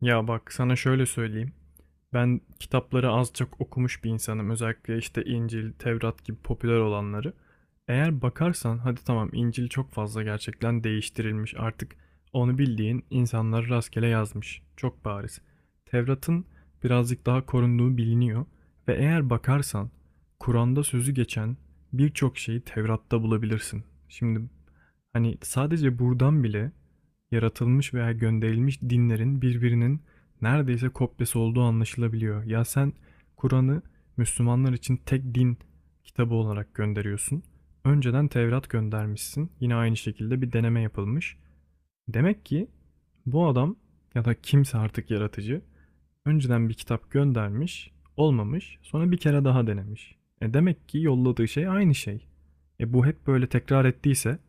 Ya bak sana şöyle söyleyeyim. Ben kitapları az çok okumuş bir insanım. Özellikle işte İncil, Tevrat gibi popüler olanları. Eğer bakarsan hadi tamam İncil çok fazla gerçekten değiştirilmiş artık. Onu bildiğin insanlar rastgele yazmış. Çok bariz. Tevrat'ın birazcık daha korunduğu biliniyor. Ve eğer bakarsan Kur'an'da sözü geçen birçok şeyi Tevrat'ta bulabilirsin. Şimdi hani sadece buradan bile yaratılmış veya gönderilmiş dinlerin birbirinin neredeyse kopyası olduğu anlaşılabiliyor. Ya sen Kur'an'ı Müslümanlar için tek din kitabı olarak gönderiyorsun. Önceden Tevrat göndermişsin. Yine aynı şekilde bir deneme yapılmış. Demek ki bu adam ya da kimse artık yaratıcı önceden bir kitap göndermiş, olmamış, sonra bir kere daha denemiş. E demek ki yolladığı şey aynı şey. E bu hep böyle tekrar ettiyse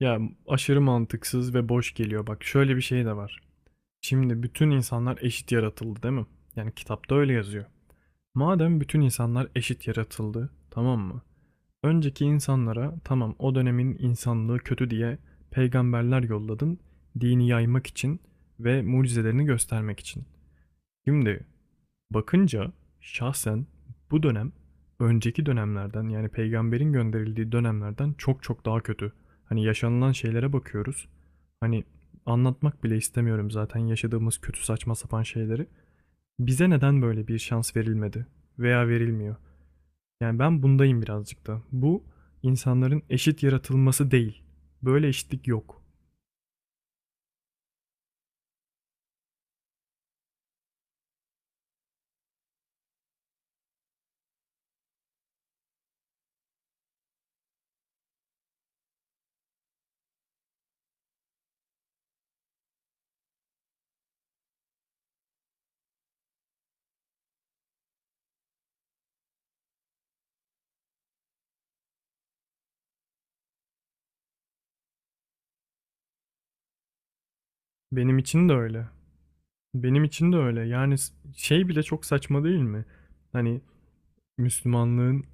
ya aşırı mantıksız ve boş geliyor. Bak şöyle bir şey de var. Şimdi bütün insanlar eşit yaratıldı değil mi? Yani kitapta öyle yazıyor. Madem bütün insanlar eşit yaratıldı, tamam mı? Önceki insanlara tamam o dönemin insanlığı kötü diye peygamberler yolladın, dini yaymak için ve mucizelerini göstermek için. Şimdi bakınca şahsen bu dönem önceki dönemlerden yani peygamberin gönderildiği dönemlerden çok çok daha kötü. Hani yaşanılan şeylere bakıyoruz. Hani anlatmak bile istemiyorum zaten yaşadığımız kötü saçma sapan şeyleri. Bize neden böyle bir şans verilmedi veya verilmiyor? Yani ben bundayım birazcık da. Bu insanların eşit yaratılması değil. Böyle eşitlik yok. Benim için de öyle. Benim için de öyle. Yani şey bile çok saçma değil mi? Hani Müslümanlığın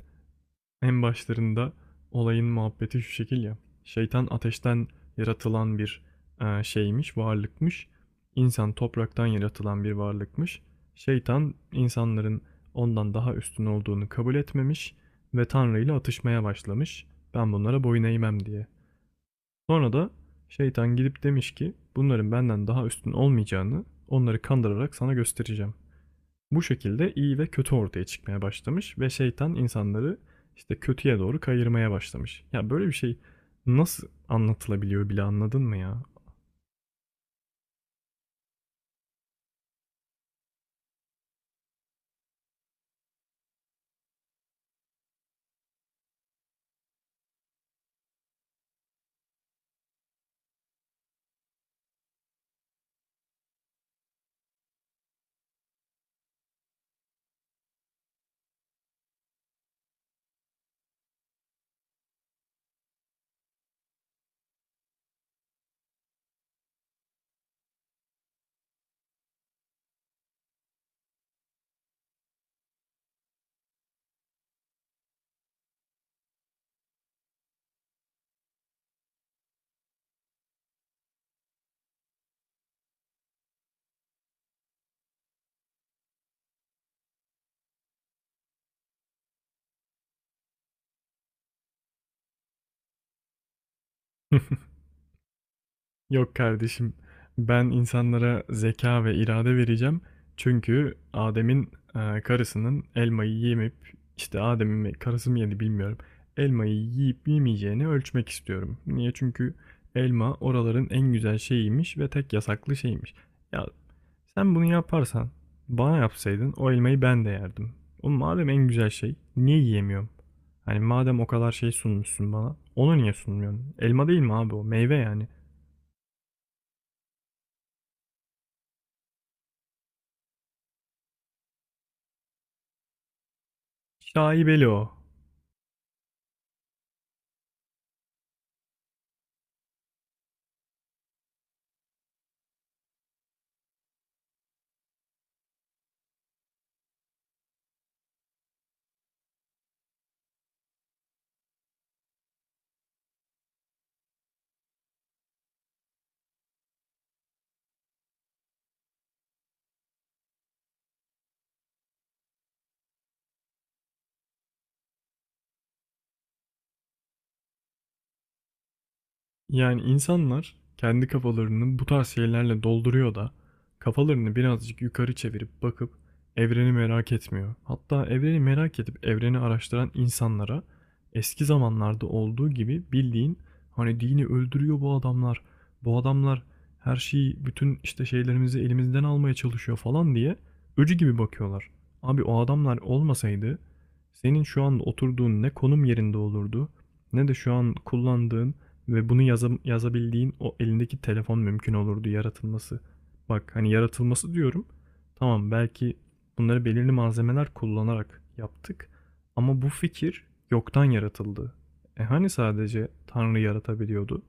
en başlarında olayın muhabbeti şu şekil ya. Şeytan ateşten yaratılan bir şeymiş, varlıkmış. İnsan topraktan yaratılan bir varlıkmış. Şeytan insanların ondan daha üstün olduğunu kabul etmemiş ve Tanrı ile atışmaya başlamış. Ben bunlara boyun eğmem diye. Sonra da şeytan gidip demiş ki bunların benden daha üstün olmayacağını onları kandırarak sana göstereceğim. Bu şekilde iyi ve kötü ortaya çıkmaya başlamış ve şeytan insanları işte kötüye doğru kayırmaya başlamış. Ya böyle bir şey nasıl anlatılabiliyor bile anladın mı ya? Yok kardeşim, ben insanlara zeka ve irade vereceğim. Çünkü Adem'in karısının elmayı yemeyip işte Adem'in karısı mı yedi bilmiyorum. Elmayı yiyip yemeyeceğini ölçmek istiyorum. Niye? Çünkü elma oraların en güzel şeyiymiş ve tek yasaklı şeymiş. Ya sen bunu yaparsan, bana yapsaydın o elmayı ben de yerdim. Oğlum madem en güzel şey, niye yiyemiyorum? Hani madem o kadar şey sunmuşsun bana, onu niye sunmuyorsun? Elma değil mi abi o? Meyve yani. Şaibeli o. Yani insanlar kendi kafalarını bu tarz şeylerle dolduruyor da kafalarını birazcık yukarı çevirip bakıp evreni merak etmiyor. Hatta evreni merak edip evreni araştıran insanlara eski zamanlarda olduğu gibi bildiğin hani dini öldürüyor bu adamlar. Bu adamlar her şeyi bütün işte şeylerimizi elimizden almaya çalışıyor falan diye öcü gibi bakıyorlar. Abi o adamlar olmasaydı senin şu an oturduğun ne konum yerinde olurdu ne de şu an kullandığın ve bunu yazabildiğin o elindeki telefon mümkün olurdu yaratılması. Bak hani yaratılması diyorum. Tamam belki bunları belirli malzemeler kullanarak yaptık. Ama bu fikir yoktan yaratıldı. E hani sadece Tanrı yaratabiliyordu?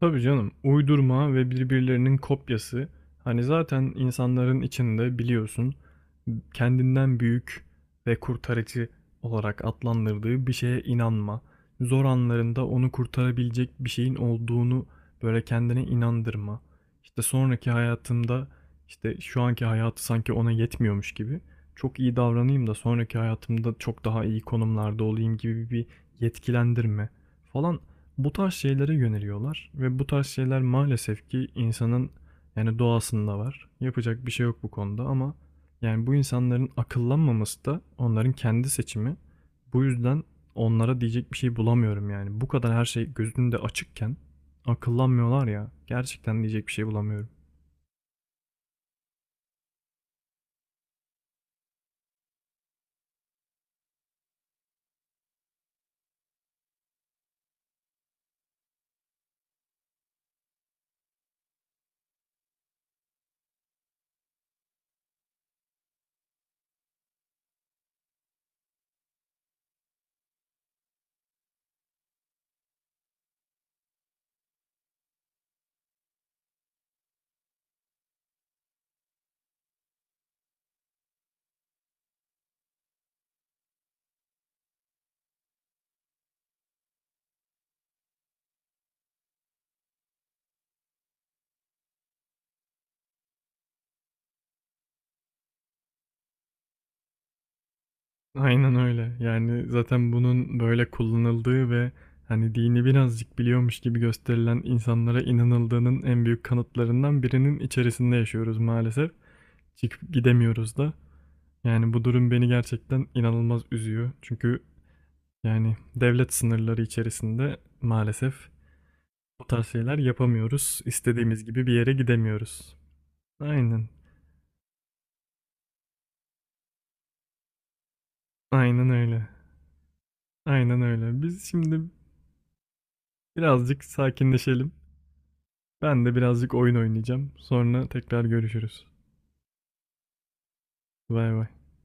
Tabii canım. Uydurma ve birbirlerinin kopyası. Hani zaten insanların içinde biliyorsun kendinden büyük ve kurtarıcı olarak adlandırdığı bir şeye inanma. Zor anlarında onu kurtarabilecek bir şeyin olduğunu böyle kendine inandırma. İşte sonraki hayatımda işte şu anki hayatı sanki ona yetmiyormuş gibi çok iyi davranayım da sonraki hayatımda çok daha iyi konumlarda olayım gibi bir yetkilendirme falan bu tarz şeylere yöneliyorlar ve bu tarz şeyler maalesef ki insanın yani doğasında var. Yapacak bir şey yok bu konuda ama yani bu insanların akıllanmaması da onların kendi seçimi. Bu yüzden onlara diyecek bir şey bulamıyorum yani. Bu kadar her şey gözünde açıkken akıllanmıyorlar ya. Gerçekten diyecek bir şey bulamıyorum. Aynen öyle. Yani zaten bunun böyle kullanıldığı ve hani dini birazcık biliyormuş gibi gösterilen insanlara inanıldığının en büyük kanıtlarından birinin içerisinde yaşıyoruz maalesef. Çıkıp gidemiyoruz da. Yani bu durum beni gerçekten inanılmaz üzüyor. Çünkü yani devlet sınırları içerisinde maalesef bu tarz şeyler yapamıyoruz. İstediğimiz gibi bir yere gidemiyoruz. Aynen. Aynen öyle. Aynen öyle. Biz şimdi birazcık sakinleşelim. Ben de birazcık oyun oynayacağım. Sonra tekrar görüşürüz. Bay bay.